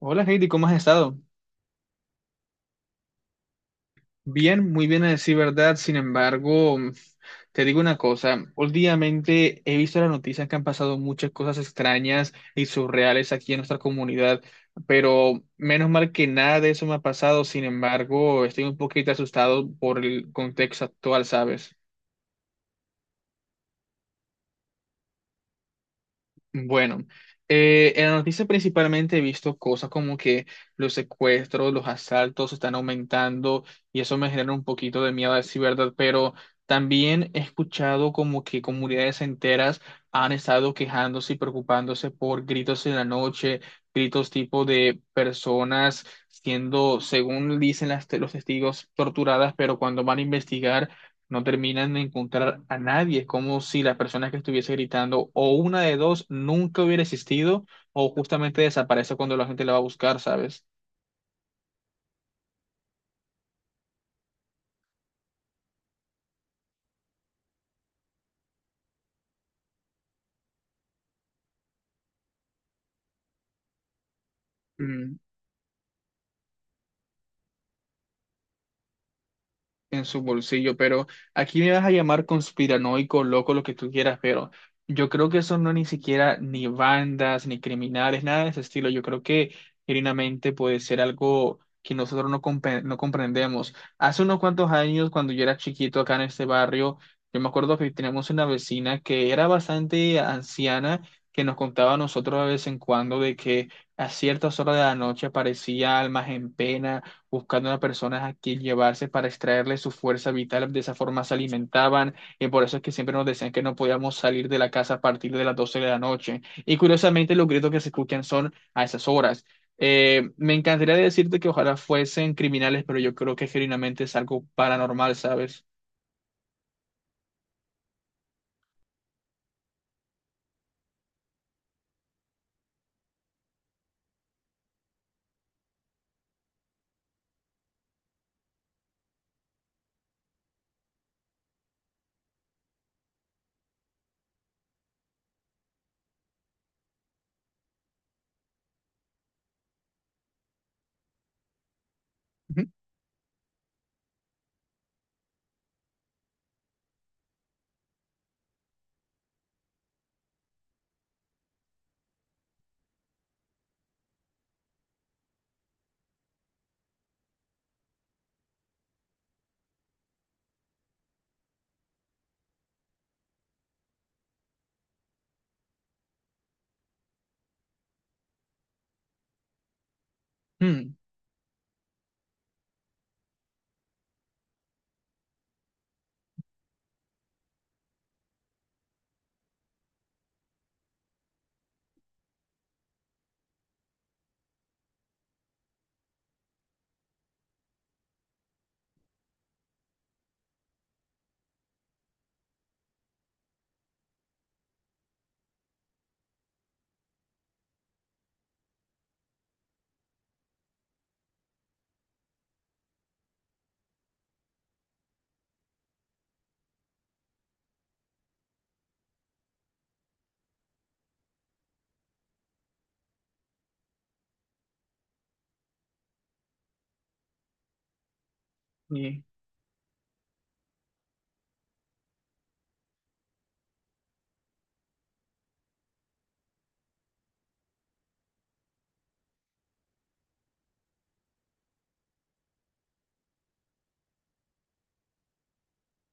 Hola Heidi, ¿cómo has estado? Bien, muy bien a decir verdad. Sin embargo, te digo una cosa. Últimamente he visto las noticias que han pasado muchas cosas extrañas y surreales aquí en nuestra comunidad, pero menos mal que nada de eso me ha pasado. Sin embargo, estoy un poquito asustado por el contexto actual, ¿sabes? Bueno, en la noticia principalmente he visto cosas como que los secuestros, los asaltos están aumentando y eso me genera un poquito de miedo a decir verdad, pero también he escuchado como que comunidades enteras han estado quejándose y preocupándose por gritos en la noche, gritos tipo de personas siendo, según dicen los testigos, torturadas, pero cuando van a investigar no terminan de encontrar a nadie. Es como si la persona que estuviese gritando o una de dos nunca hubiera existido o justamente desaparece cuando la gente la va a buscar, ¿sabes? En su bolsillo, pero aquí me vas a llamar conspiranoico, loco, lo que tú quieras, pero yo creo que eso no ni siquiera ni bandas, ni criminales, nada de ese estilo. Yo creo que genuinamente puede ser algo que nosotros no, no comprendemos. Hace unos cuantos años, cuando yo era chiquito acá en este barrio, yo me acuerdo que teníamos una vecina que era bastante anciana, que nos contaba a nosotros de vez en cuando de que a ciertas horas de la noche aparecía almas en pena buscando a personas a quien llevarse para extraerle su fuerza vital. De esa forma se alimentaban y por eso es que siempre nos decían que no podíamos salir de la casa a partir de las 12 de la noche. Y curiosamente los gritos que se escuchan son a esas horas. Me encantaría decirte que ojalá fuesen criminales, pero yo creo que genuinamente es algo paranormal, ¿sabes? Ujú. Mm.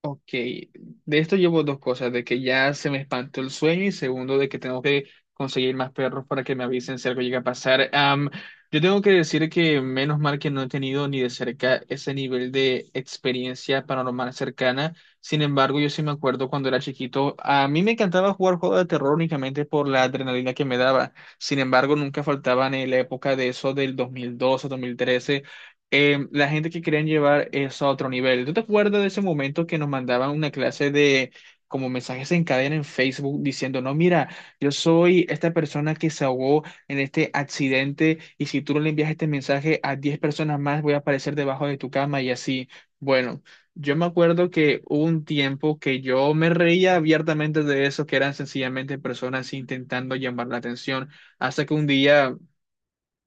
Ok, de esto llevo dos cosas, de que ya se me espantó el sueño y segundo, de que tengo que conseguir más perros para que me avisen si algo llega a pasar. Yo tengo que decir que menos mal que no he tenido ni de cerca ese nivel de experiencia paranormal cercana. Sin embargo, yo sí me acuerdo cuando era chiquito, a mí me encantaba jugar juegos de terror únicamente por la adrenalina que me daba. Sin embargo, nunca faltaban en la época de eso del 2012, 2013, la gente que querían llevar eso a otro nivel. ¿Tú te acuerdas de ese momento que nos mandaban una clase de como mensajes en cadena en Facebook diciendo, no, mira, yo soy esta persona que se ahogó en este accidente y si tú no le envías este mensaje a 10 personas más voy a aparecer debajo de tu cama y así? Bueno, yo me acuerdo que hubo un tiempo que yo me reía abiertamente de eso, que eran sencillamente personas intentando llamar la atención, hasta que un día,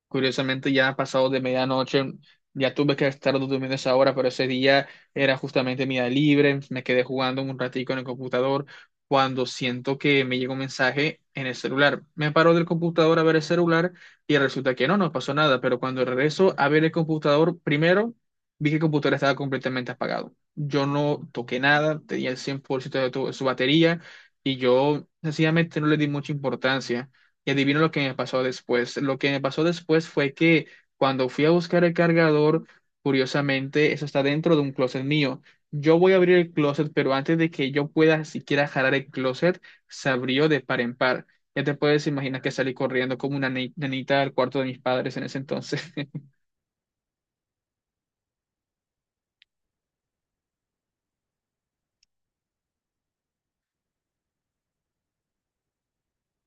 curiosamente, ya ha pasado de medianoche, ya tuve que estar durmiendo esa hora, pero ese día era justamente mi día libre. Me quedé jugando un ratico en el computador cuando siento que me llegó un mensaje en el celular. Me paro del computador a ver el celular y resulta que no, no pasó nada. Pero cuando regreso a ver el computador, primero vi que el computador estaba completamente apagado. Yo no toqué nada, tenía el 100% de su batería y yo sencillamente no le di mucha importancia. Y adivino lo que me pasó después. Lo que me pasó después fue que cuando fui a buscar el cargador, curiosamente, eso está dentro de un closet mío. Yo voy a abrir el closet, pero antes de que yo pueda siquiera jalar el closet, se abrió de par en par. Ya te puedes imaginar que salí corriendo como una nenita al cuarto de mis padres en ese entonces.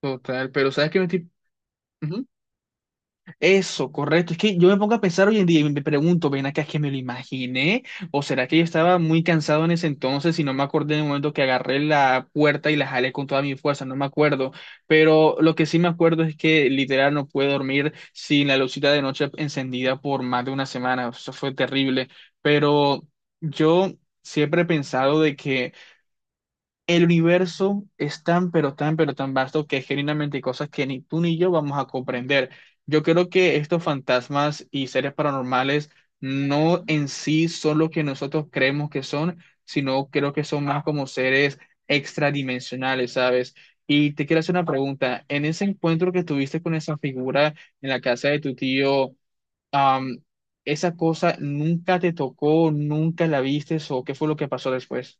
Total, pero ¿sabes qué me estoy... Eso, correcto. Es que yo me pongo a pensar hoy en día y me pregunto, ven acá, es que me lo imaginé, o será que yo estaba muy cansado en ese entonces y no me acordé del momento que agarré la puerta y la jalé con toda mi fuerza, no me acuerdo. Pero lo que sí me acuerdo es que literal no pude dormir sin la lucita de noche encendida por más de una semana, eso fue terrible. Pero yo siempre he pensado de que el universo es tan, pero tan, pero tan vasto que genuinamente hay cosas que ni tú ni yo vamos a comprender. Yo creo que estos fantasmas y seres paranormales no en sí son lo que nosotros creemos que son, sino creo que son más como seres extradimensionales, ¿sabes? Y te quiero hacer una pregunta. En ese encuentro que tuviste con esa figura en la casa de tu tío, am, ¿esa cosa nunca te tocó, nunca la viste o qué fue lo que pasó después?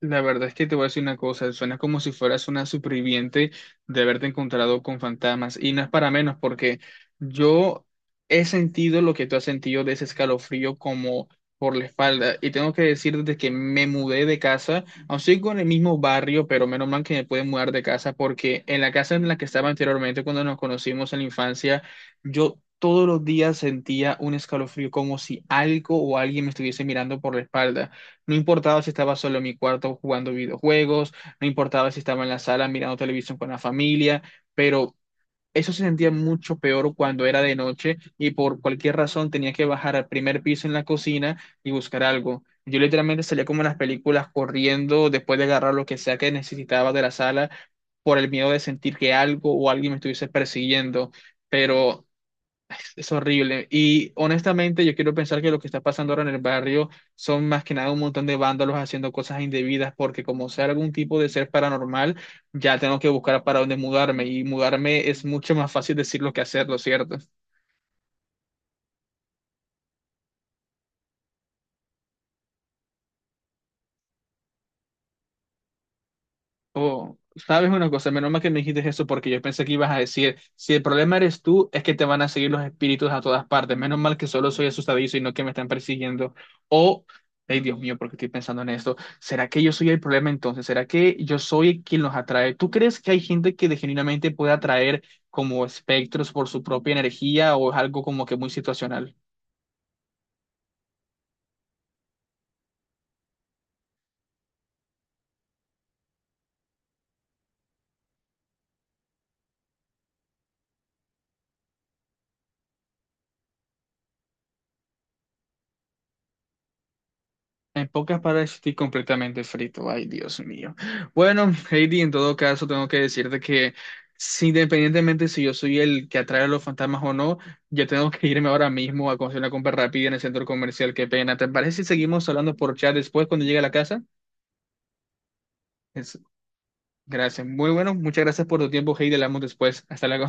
La verdad es que te voy a decir una cosa, suena como si fueras una superviviente de haberte encontrado con fantasmas y no es para menos porque yo he sentido lo que tú has sentido de ese escalofrío como por la espalda y tengo que decir desde que me mudé de casa, aún sigo en el mismo barrio, pero menos mal que me pude mudar de casa porque en la casa en la que estaba anteriormente cuando nos conocimos en la infancia, yo todos los días sentía un escalofrío como si algo o alguien me estuviese mirando por la espalda. No importaba si estaba solo en mi cuarto jugando videojuegos, no importaba si estaba en la sala mirando televisión con la familia, pero eso se sentía mucho peor cuando era de noche y por cualquier razón tenía que bajar al primer piso en la cocina y buscar algo. Yo literalmente salía como en las películas corriendo después de agarrar lo que sea que necesitaba de la sala por el miedo de sentir que algo o alguien me estuviese persiguiendo. Pero es horrible. Y honestamente, yo quiero pensar que lo que está pasando ahora en el barrio son más que nada un montón de vándalos haciendo cosas indebidas, porque como sea algún tipo de ser paranormal, ya tengo que buscar para dónde mudarme. Y mudarme es mucho más fácil decirlo que hacerlo, ¿cierto? Oh, sabes una cosa, menos mal que me dijiste eso porque yo pensé que ibas a decir, si el problema eres tú, es que te van a seguir los espíritus a todas partes. Menos mal que solo soy asustadizo y no que me están persiguiendo. O, ay Dios mío, porque estoy pensando en esto. ¿Será que yo soy el problema entonces? ¿Será que yo soy quien los atrae? ¿Tú crees que hay gente que genuinamente puede atraer como espectros por su propia energía o es algo como que muy situacional? En pocas palabras, estoy completamente frito. Ay, Dios mío. Bueno, Heidi, en todo caso, tengo que decirte que si, independientemente si yo soy el que atrae a los fantasmas o no, yo tengo que irme ahora mismo a conseguir una compra rápida en el centro comercial. Qué pena. ¿Te parece si seguimos hablando por chat después cuando llegue a la casa? Es- Gracias. Muy bueno. Muchas gracias por tu tiempo, Heidi. Hablamos después. Hasta luego.